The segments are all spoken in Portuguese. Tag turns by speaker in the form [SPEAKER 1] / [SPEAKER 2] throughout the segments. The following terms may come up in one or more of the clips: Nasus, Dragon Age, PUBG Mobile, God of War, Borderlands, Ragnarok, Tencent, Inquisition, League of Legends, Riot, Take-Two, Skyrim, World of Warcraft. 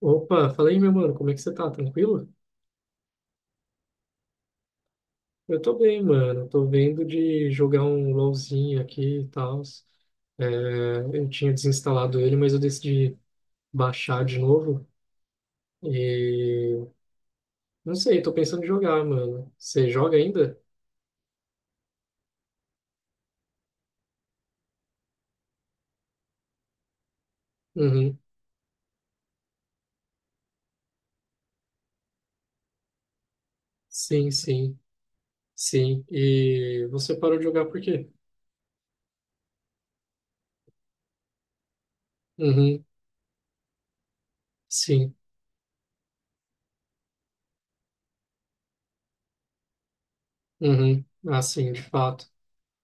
[SPEAKER 1] Opa, fala aí, meu mano, como é que você tá? Tranquilo? Eu tô bem, mano. Tô vendo de jogar um LoLzinho aqui e tal. É, eu tinha desinstalado ele, mas eu decidi baixar de novo. E não sei, tô pensando em jogar, mano. Você joga ainda? Uhum. Sim, sim, sim. E você parou de jogar por quê? Uhum. Sim. Uhum. Ah, sim, de fato.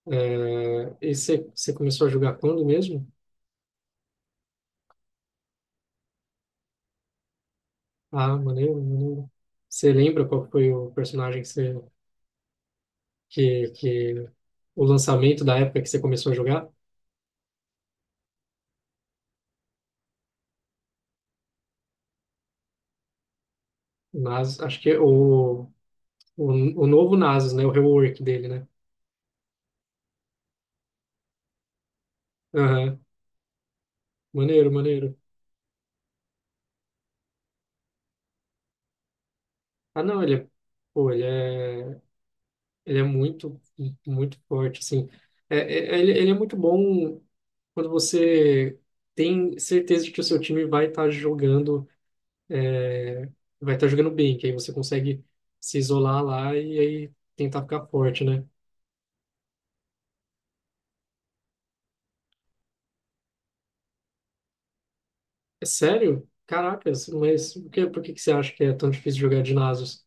[SPEAKER 1] É, e você começou a jogar quando mesmo? Ah, maneiro, maneiro. Você lembra qual foi o personagem que o lançamento da época que você começou a jogar? Acho que é o, o novo Nasus, né? O rework dele, né? Aham. Maneiro, maneiro. Ah, não, pô, ele é, ele é muito forte, assim. É, ele é muito bom quando você tem certeza de que o seu time vai estar jogando bem, que aí você consegue se isolar lá e aí tentar ficar forte, né? É sério? Caracas, mas por que que você acha que é tão difícil jogar de Nasus?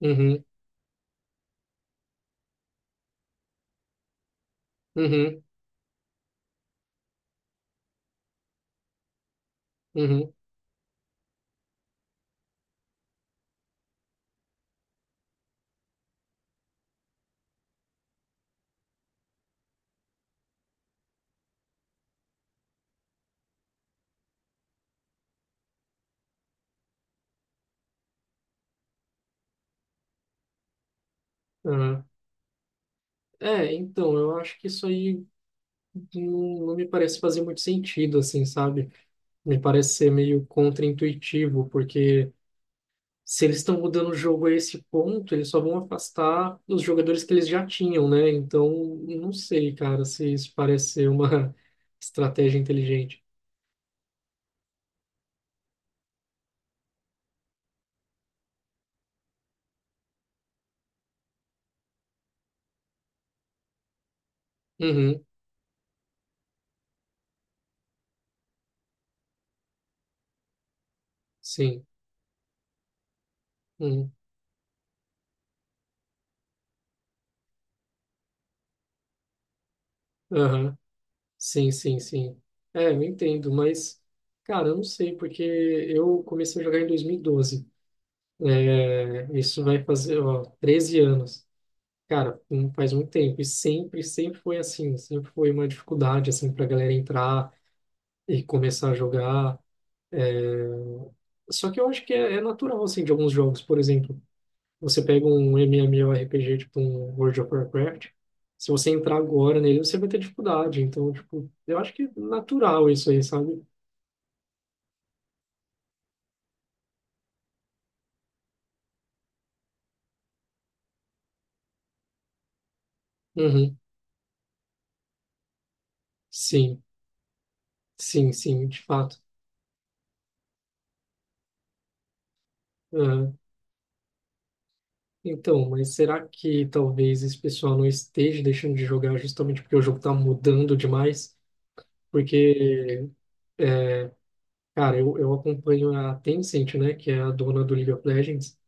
[SPEAKER 1] Uhum, uhum, uhum. Aham. É, então, eu acho que isso aí não me parece fazer muito sentido, assim, sabe? Me parece ser meio contraintuitivo, porque se eles estão mudando o jogo a esse ponto, eles só vão afastar os jogadores que eles já tinham, né? Então, não sei, cara, se isso parece ser uma estratégia inteligente. Uhum, sim. Uhum, aham. Sim, sim, sim. É, eu entendo, mas, cara, eu não sei, porque eu comecei a jogar em 2012. É, isso vai fazer, ó, 13 anos. Cara, não faz muito tempo. E sempre, sempre foi assim. Sempre foi uma dificuldade, assim, pra galera entrar e começar a jogar. Só que eu acho que é natural, assim, de alguns jogos. Por exemplo, você pega um MMORPG, tipo um World of Warcraft. Se você entrar agora nele, você vai ter dificuldade. Então, tipo, eu acho que é natural isso aí, sabe? Uhum. Sim. Sim, sim, de fato. Ah, então, mas será que talvez esse pessoal não esteja deixando de jogar justamente porque o jogo está mudando demais? Porque, cara, eu acompanho a Tencent, né, que é a dona do League of Legends,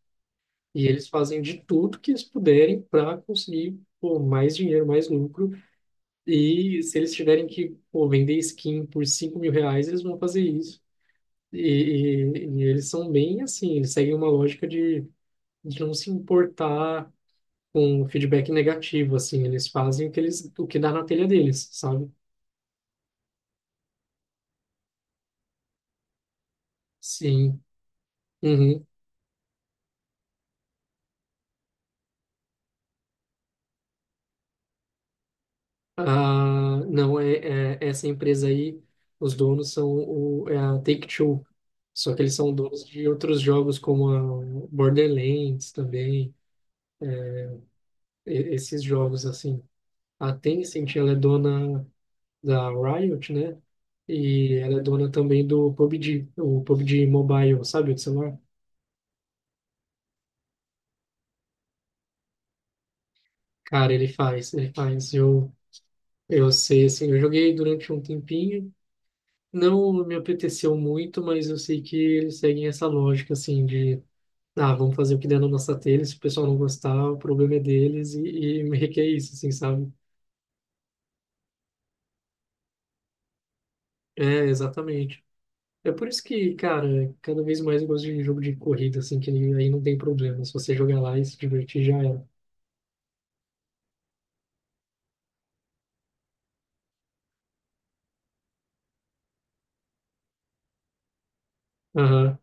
[SPEAKER 1] e eles fazem de tudo que eles puderem para conseguir pô, mais dinheiro, mais lucro. E se eles tiverem que pô, vender skin por 5 mil reais, eles vão fazer isso. E, e eles são bem assim, eles seguem uma lógica de não se importar com um feedback negativo, assim. Eles fazem o que eles, o que dá na telha deles, sabe? Sim. Uhum. Ah, não, essa empresa aí, os donos são é a Take-Two. Só que eles são donos de outros jogos, como a Borderlands também, esses jogos, assim. A Tencent, ela é dona da Riot, né? E ela é dona também do PUBG, o PUBG Mobile, sabe, o de celular? Cara, ele faz, ele faz. Eu sei, assim, eu joguei durante um tempinho, não me apeteceu muito, mas eu sei que eles seguem essa lógica, assim, de, ah, vamos fazer o que der na nossa telha, se o pessoal não gostar, o problema é deles, e meio que é isso, assim, sabe? É, exatamente. É por isso que, cara, cada vez mais eu gosto de jogo de corrida, assim, que aí não tem problema, se você jogar lá e se divertir, já era. Aham.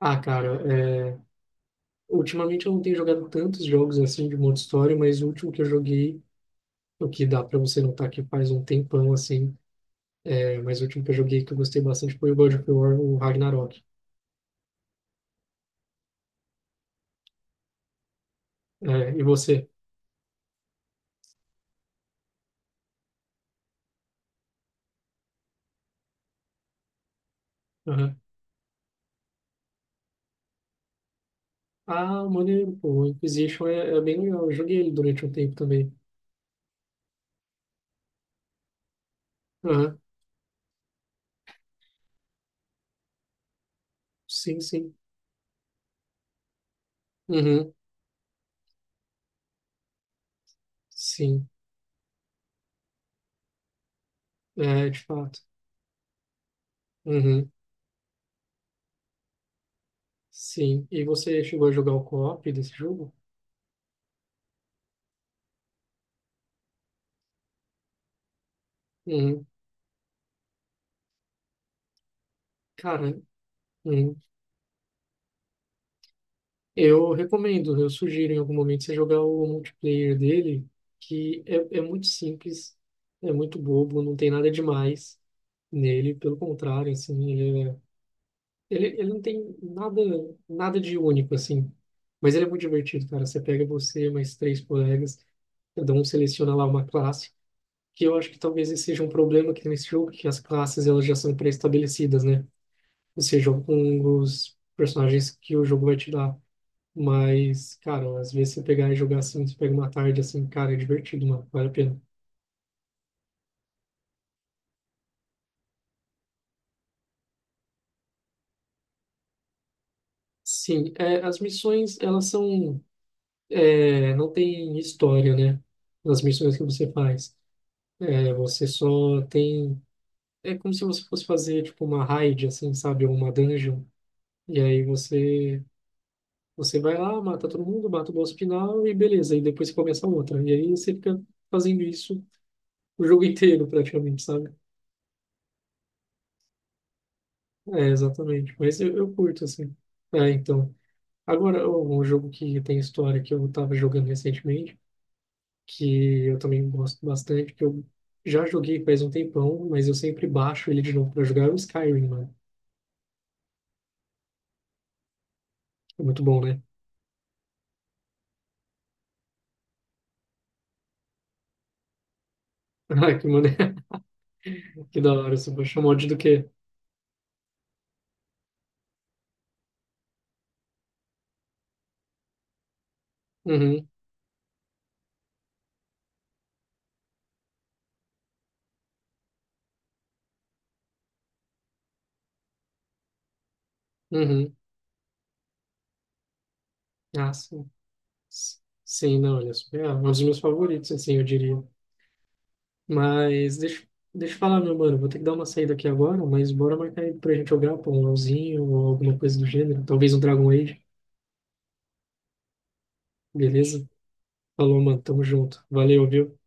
[SPEAKER 1] Ah, cara, é... ultimamente eu não tenho jogado tantos jogos, assim, de modo história, mas o último que eu joguei o que dá para você notar que faz um tempão assim. Mas o último que eu joguei que eu gostei bastante foi o God of War, o Ragnarok. É, e você? Aham. Ah, maneiro, pô. O Inquisition é bem legal. Eu joguei ele durante um tempo também. Aham. Sim, sim. Uhum. Sim. É, de fato. Uhum. Sim. E você chegou a jogar o co-op desse jogo? Uhum. Cara, uhum. Eu recomendo, eu sugiro em algum momento você jogar o multiplayer dele, que é muito simples, é muito bobo, não tem nada demais nele, pelo contrário, assim, ele não tem nada de único, assim. Mas ele é muito divertido, cara. Você pega você, mais três colegas, cada um seleciona lá uma classe, que eu acho que talvez esse seja um problema que tem nesse jogo, que as classes elas já são pré-estabelecidas, né? Você joga com os personagens que o jogo vai te dar. Mas, cara, às vezes você pegar e jogar assim, você pega uma tarde assim, cara, é divertido, mano, vale a pena. Sim, é, as missões, elas são, é, não tem história, né? Nas missões que você faz. É, você só tem, é como se você fosse fazer, tipo, uma raid, assim, sabe? Ou uma dungeon. E aí você vai lá, mata todo mundo, mata o boss final e beleza. E depois começa outra. E aí você fica fazendo isso o jogo inteiro, praticamente, sabe? É, exatamente. Eu curto, assim. É, então. Agora, um jogo que tem história que eu tava jogando recentemente, que eu também gosto bastante, que eu já joguei faz um tempão, mas eu sempre baixo ele de novo pra jogar, é o Skyrim, mano. É muito bom, né? Ah, que maneiro, que da hora, você vai chamar de do quê? Uhum, uhum. Ah, sim. S- Sim, não, olha, é um dos meus favoritos, assim, eu diria. Mas deixa eu falar, meu mano, vou ter que dar uma saída aqui agora, mas bora marcar aí pra gente jogar, pô, um LOLzinho ou alguma coisa do gênero, talvez um Dragon Age, beleza? Falou, mano. Tamo junto. Valeu, viu?